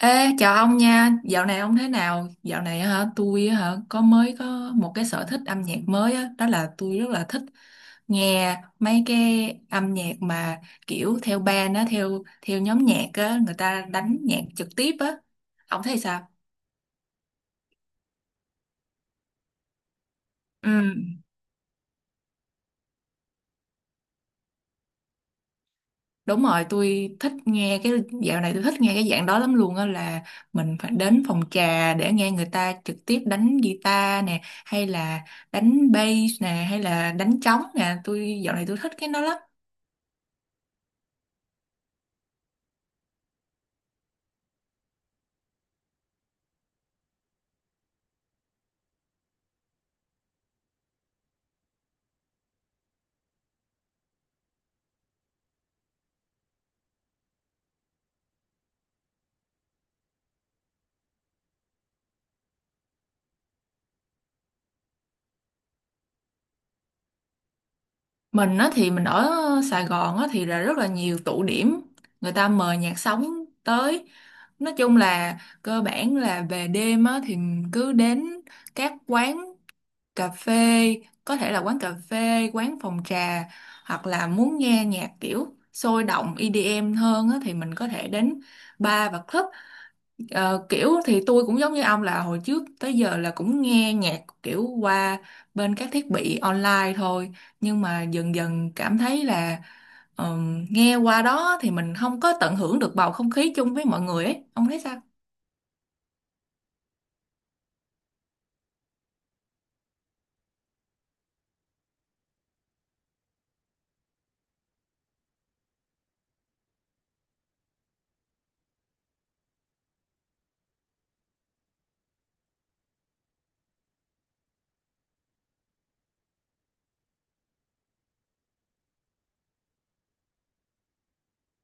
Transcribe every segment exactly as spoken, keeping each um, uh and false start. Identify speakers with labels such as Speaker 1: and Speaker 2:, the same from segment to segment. Speaker 1: Ê, chào ông nha, dạo này ông thế nào? Dạo này á hả, tôi á hả, có mới có một cái sở thích âm nhạc mới á, đó là tôi rất là thích nghe mấy cái âm nhạc mà kiểu theo band á, theo theo nhóm nhạc á, người ta đánh nhạc trực tiếp á. Ông thấy sao? Ừ. Đúng rồi, tôi thích nghe cái dạo này tôi thích nghe cái dạng đó lắm luôn á là mình phải đến phòng trà để nghe người ta trực tiếp đánh guitar nè hay là đánh bass nè hay là đánh trống nè, tôi dạo này tôi thích cái đó lắm. Mình á thì mình ở Sài Gòn á thì là rất là nhiều tụ điểm người ta mời nhạc sống tới. Nói chung là cơ bản là về đêm á thì cứ đến các quán cà phê, có thể là quán cà phê quán phòng trà hoặc là muốn nghe nhạc kiểu sôi động e đê em hơn á, thì mình có thể đến bar và club. Ờ, kiểu thì tôi cũng giống như ông là hồi trước tới giờ là cũng nghe nhạc kiểu qua bên các thiết bị online thôi, nhưng mà dần dần cảm thấy là ờm, nghe qua đó thì mình không có tận hưởng được bầu không khí chung với mọi người ấy, ông thấy sao?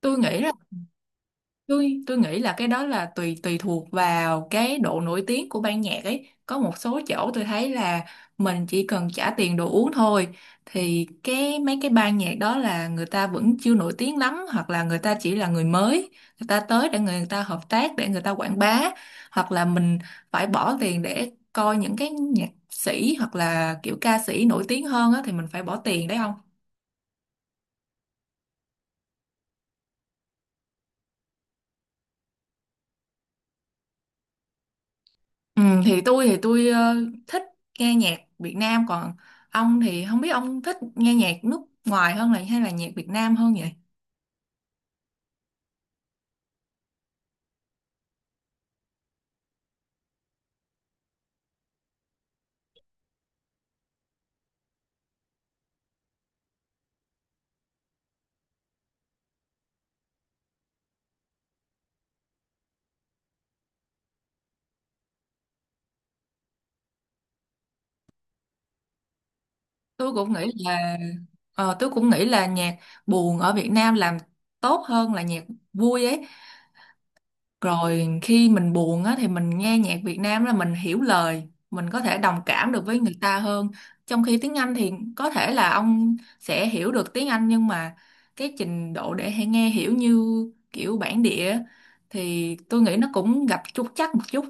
Speaker 1: Tôi nghĩ là tôi tôi nghĩ là cái đó là tùy tùy thuộc vào cái độ nổi tiếng của ban nhạc ấy, có một số chỗ tôi thấy là mình chỉ cần trả tiền đồ uống thôi, thì cái mấy cái ban nhạc đó là người ta vẫn chưa nổi tiếng lắm hoặc là người ta chỉ là người mới, người ta tới để người ta hợp tác để người ta quảng bá, hoặc là mình phải bỏ tiền để coi những cái nhạc sĩ hoặc là kiểu ca sĩ nổi tiếng hơn á, thì mình phải bỏ tiền đấy không? Ừ, thì tôi thì tôi ờ, thích nghe nhạc Việt Nam, còn ông thì không biết ông thích nghe nhạc nước ngoài hơn là hay là nhạc Việt Nam hơn vậy? Tôi cũng nghĩ là ờ, tôi cũng nghĩ là nhạc buồn ở Việt Nam làm tốt hơn là nhạc vui ấy. Rồi khi mình buồn á, thì mình nghe nhạc Việt Nam là mình hiểu lời, mình có thể đồng cảm được với người ta hơn. Trong khi tiếng Anh thì có thể là ông sẽ hiểu được tiếng Anh nhưng mà cái trình độ để hay nghe hiểu như kiểu bản địa á, thì tôi nghĩ nó cũng gặp trục trặc một chút.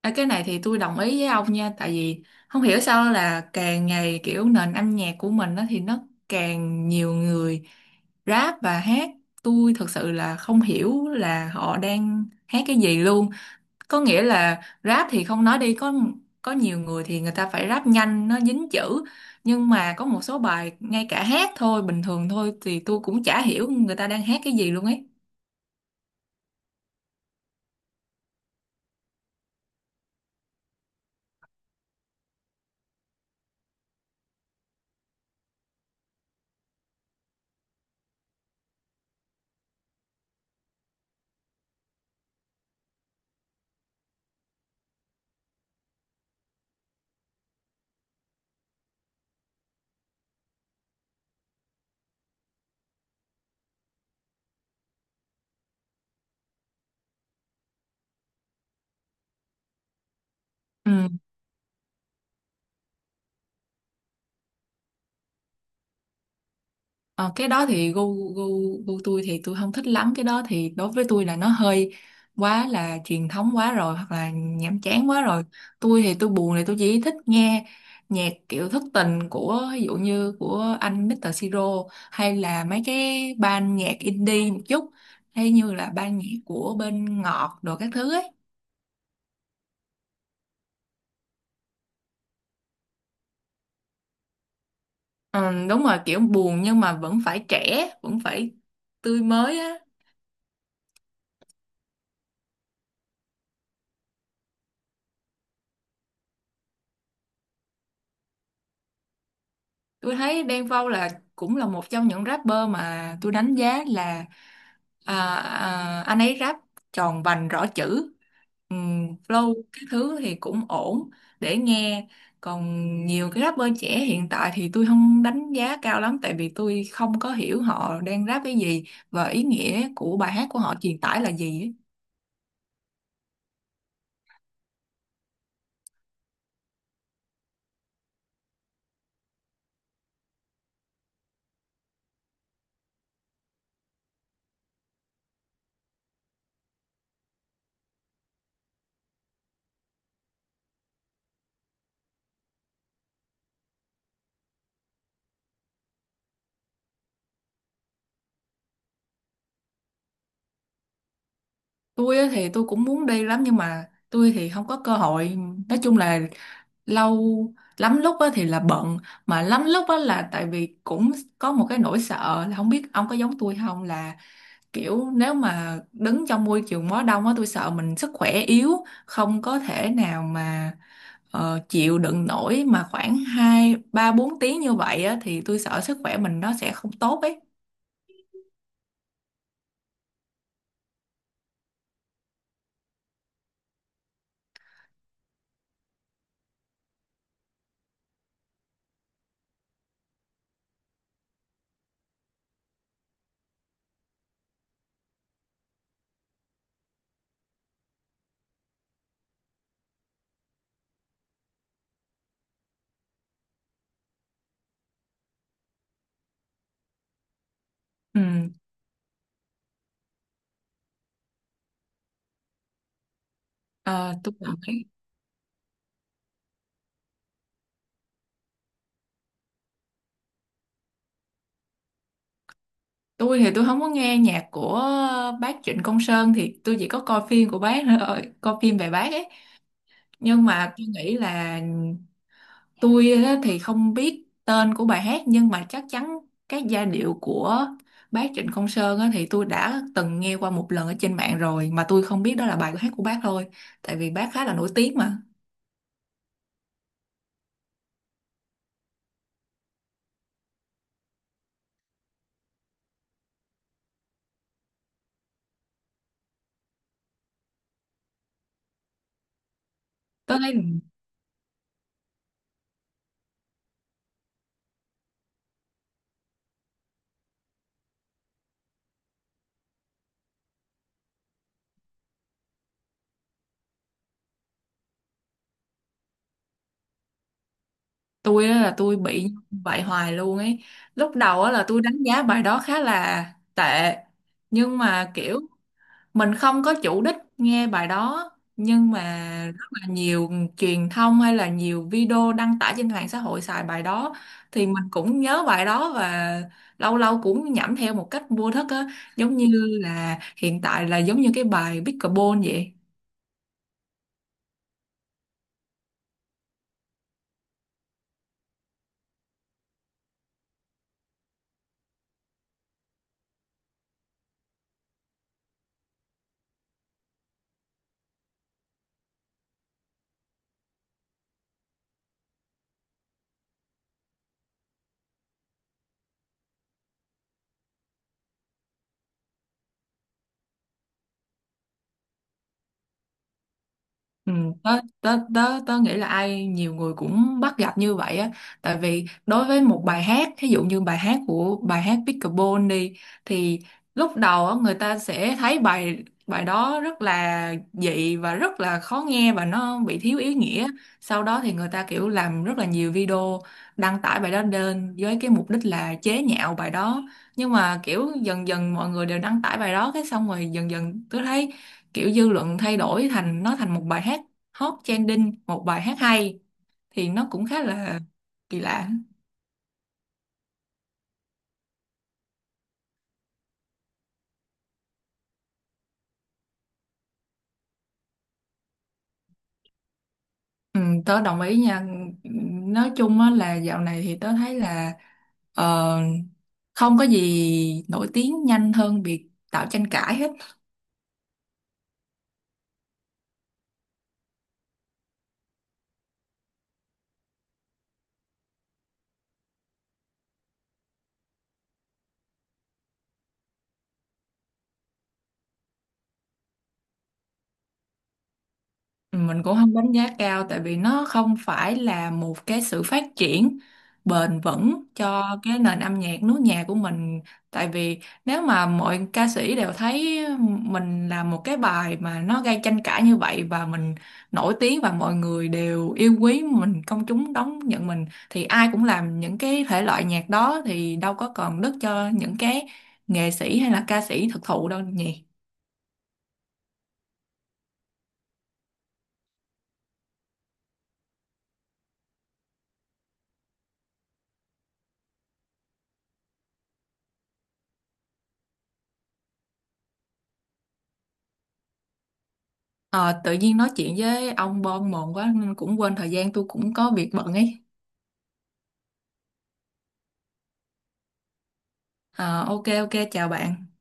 Speaker 1: À, cái này thì tôi đồng ý với ông nha, tại vì không hiểu sao là càng ngày kiểu nền âm nhạc của mình đó thì nó càng nhiều người rap và hát, tôi thật sự là không hiểu là họ đang hát cái gì luôn. Có nghĩa là rap thì không nói đi, có có nhiều người thì người ta phải rap nhanh nó dính chữ, nhưng mà có một số bài ngay cả hát thôi bình thường thôi thì tôi cũng chả hiểu người ta đang hát cái gì luôn ấy. Ừ. Ờ, cái đó thì gu gu gu tôi thì tôi không thích lắm, cái đó thì đối với tôi là nó hơi quá là truyền thống quá rồi hoặc là nhàm chán quá rồi. Tôi thì tôi buồn thì tôi chỉ thích nghe nhạc kiểu thất tình của, ví dụ như của anh mít tơ Siro, hay là mấy cái ban nhạc indie một chút, hay như là ban nhạc của bên Ngọt đồ các thứ ấy. Ừ, đúng rồi, kiểu buồn nhưng mà vẫn phải trẻ vẫn phải tươi mới á. Tôi thấy Đen Vâu là cũng là một trong những rapper mà tôi đánh giá là à, à, anh ấy rap tròn vành rõ chữ, Ừm, flow cái thứ thì cũng ổn để nghe. Còn nhiều cái rapper trẻ hiện tại thì tôi không đánh giá cao lắm, tại vì tôi không có hiểu họ đang rap cái gì và ý nghĩa của bài hát của họ truyền tải là gì ấy. Tôi á thì tôi cũng muốn đi lắm nhưng mà tôi thì không có cơ hội. Nói chung là lâu lắm lúc á thì là bận, mà lắm lúc á là tại vì cũng có một cái nỗi sợ là không biết ông có giống tôi không, là kiểu nếu mà đứng trong môi trường quá đông á tôi sợ mình sức khỏe yếu không có thể nào mà ờ, chịu đựng nổi, mà khoảng hai ba bốn tiếng như vậy á thì tôi sợ sức khỏe mình nó sẽ không tốt ấy. Ừ. ờ, tôi nghĩ- tôi thì tôi không có nghe nhạc của bác Trịnh Công Sơn, thì tôi chỉ có coi phim của bác thôi, coi phim về bác ấy, nhưng mà tôi nghĩ là tôi á thì không biết tên của bài hát nhưng mà chắc chắn các giai điệu của bác Trịnh Công Sơn á thì tôi đã từng nghe qua một lần ở trên mạng rồi mà tôi không biết đó là bài hát của bác thôi, tại vì bác khá là nổi tiếng mà. Tôi thấy tôi á là tôi bị vậy hoài luôn ấy. Lúc đầu á là tôi đánh giá bài đó khá là tệ, nhưng mà kiểu mình không có chủ đích nghe bài đó, nhưng mà rất là nhiều truyền thông hay là nhiều video đăng tải trên mạng xã hội xài bài đó, thì mình cũng nhớ bài đó và lâu lâu cũng nhẩm theo một cách vô thức á, giống như là hiện tại là giống như cái bài Pickleball vậy. Ừ, tớ, tớ, tớ, tớ nghĩ là ai nhiều người cũng bắt gặp như vậy á, tại vì đối với một bài hát, ví dụ như bài hát của bài hát Pickleball đi, thì lúc đầu á, người ta sẽ thấy bài bài đó rất là dị và rất là khó nghe và nó bị thiếu ý nghĩa, sau đó thì người ta kiểu làm rất là nhiều video đăng tải bài đó lên với cái mục đích là chế nhạo bài đó, nhưng mà kiểu dần dần mọi người đều đăng tải bài đó cái xong rồi dần dần tôi thấy kiểu dư luận thay đổi thành nó thành một bài hát hot trending, một bài hát hay, thì nó cũng khá là kỳ lạ. Ừ, tớ đồng ý nha. Nói chung á, là dạo này thì tớ thấy là ờ, không có gì nổi tiếng nhanh hơn việc tạo tranh cãi hết. Mình cũng không đánh giá cao tại vì nó không phải là một cái sự phát triển bền vững cho cái nền âm nhạc nước nhà của mình. Tại vì nếu mà mọi ca sĩ đều thấy mình làm một cái bài mà nó gây tranh cãi như vậy và mình nổi tiếng và mọi người đều yêu quý mình, công chúng đón nhận mình, thì ai cũng làm những cái thể loại nhạc đó thì đâu có còn đất cho những cái nghệ sĩ hay là ca sĩ thực thụ đâu nhỉ. Ờ, tự nhiên nói chuyện với ông bon mồm quá nên cũng quên thời gian, tôi cũng có việc bận ấy. Ờ, ok ok, chào bạn.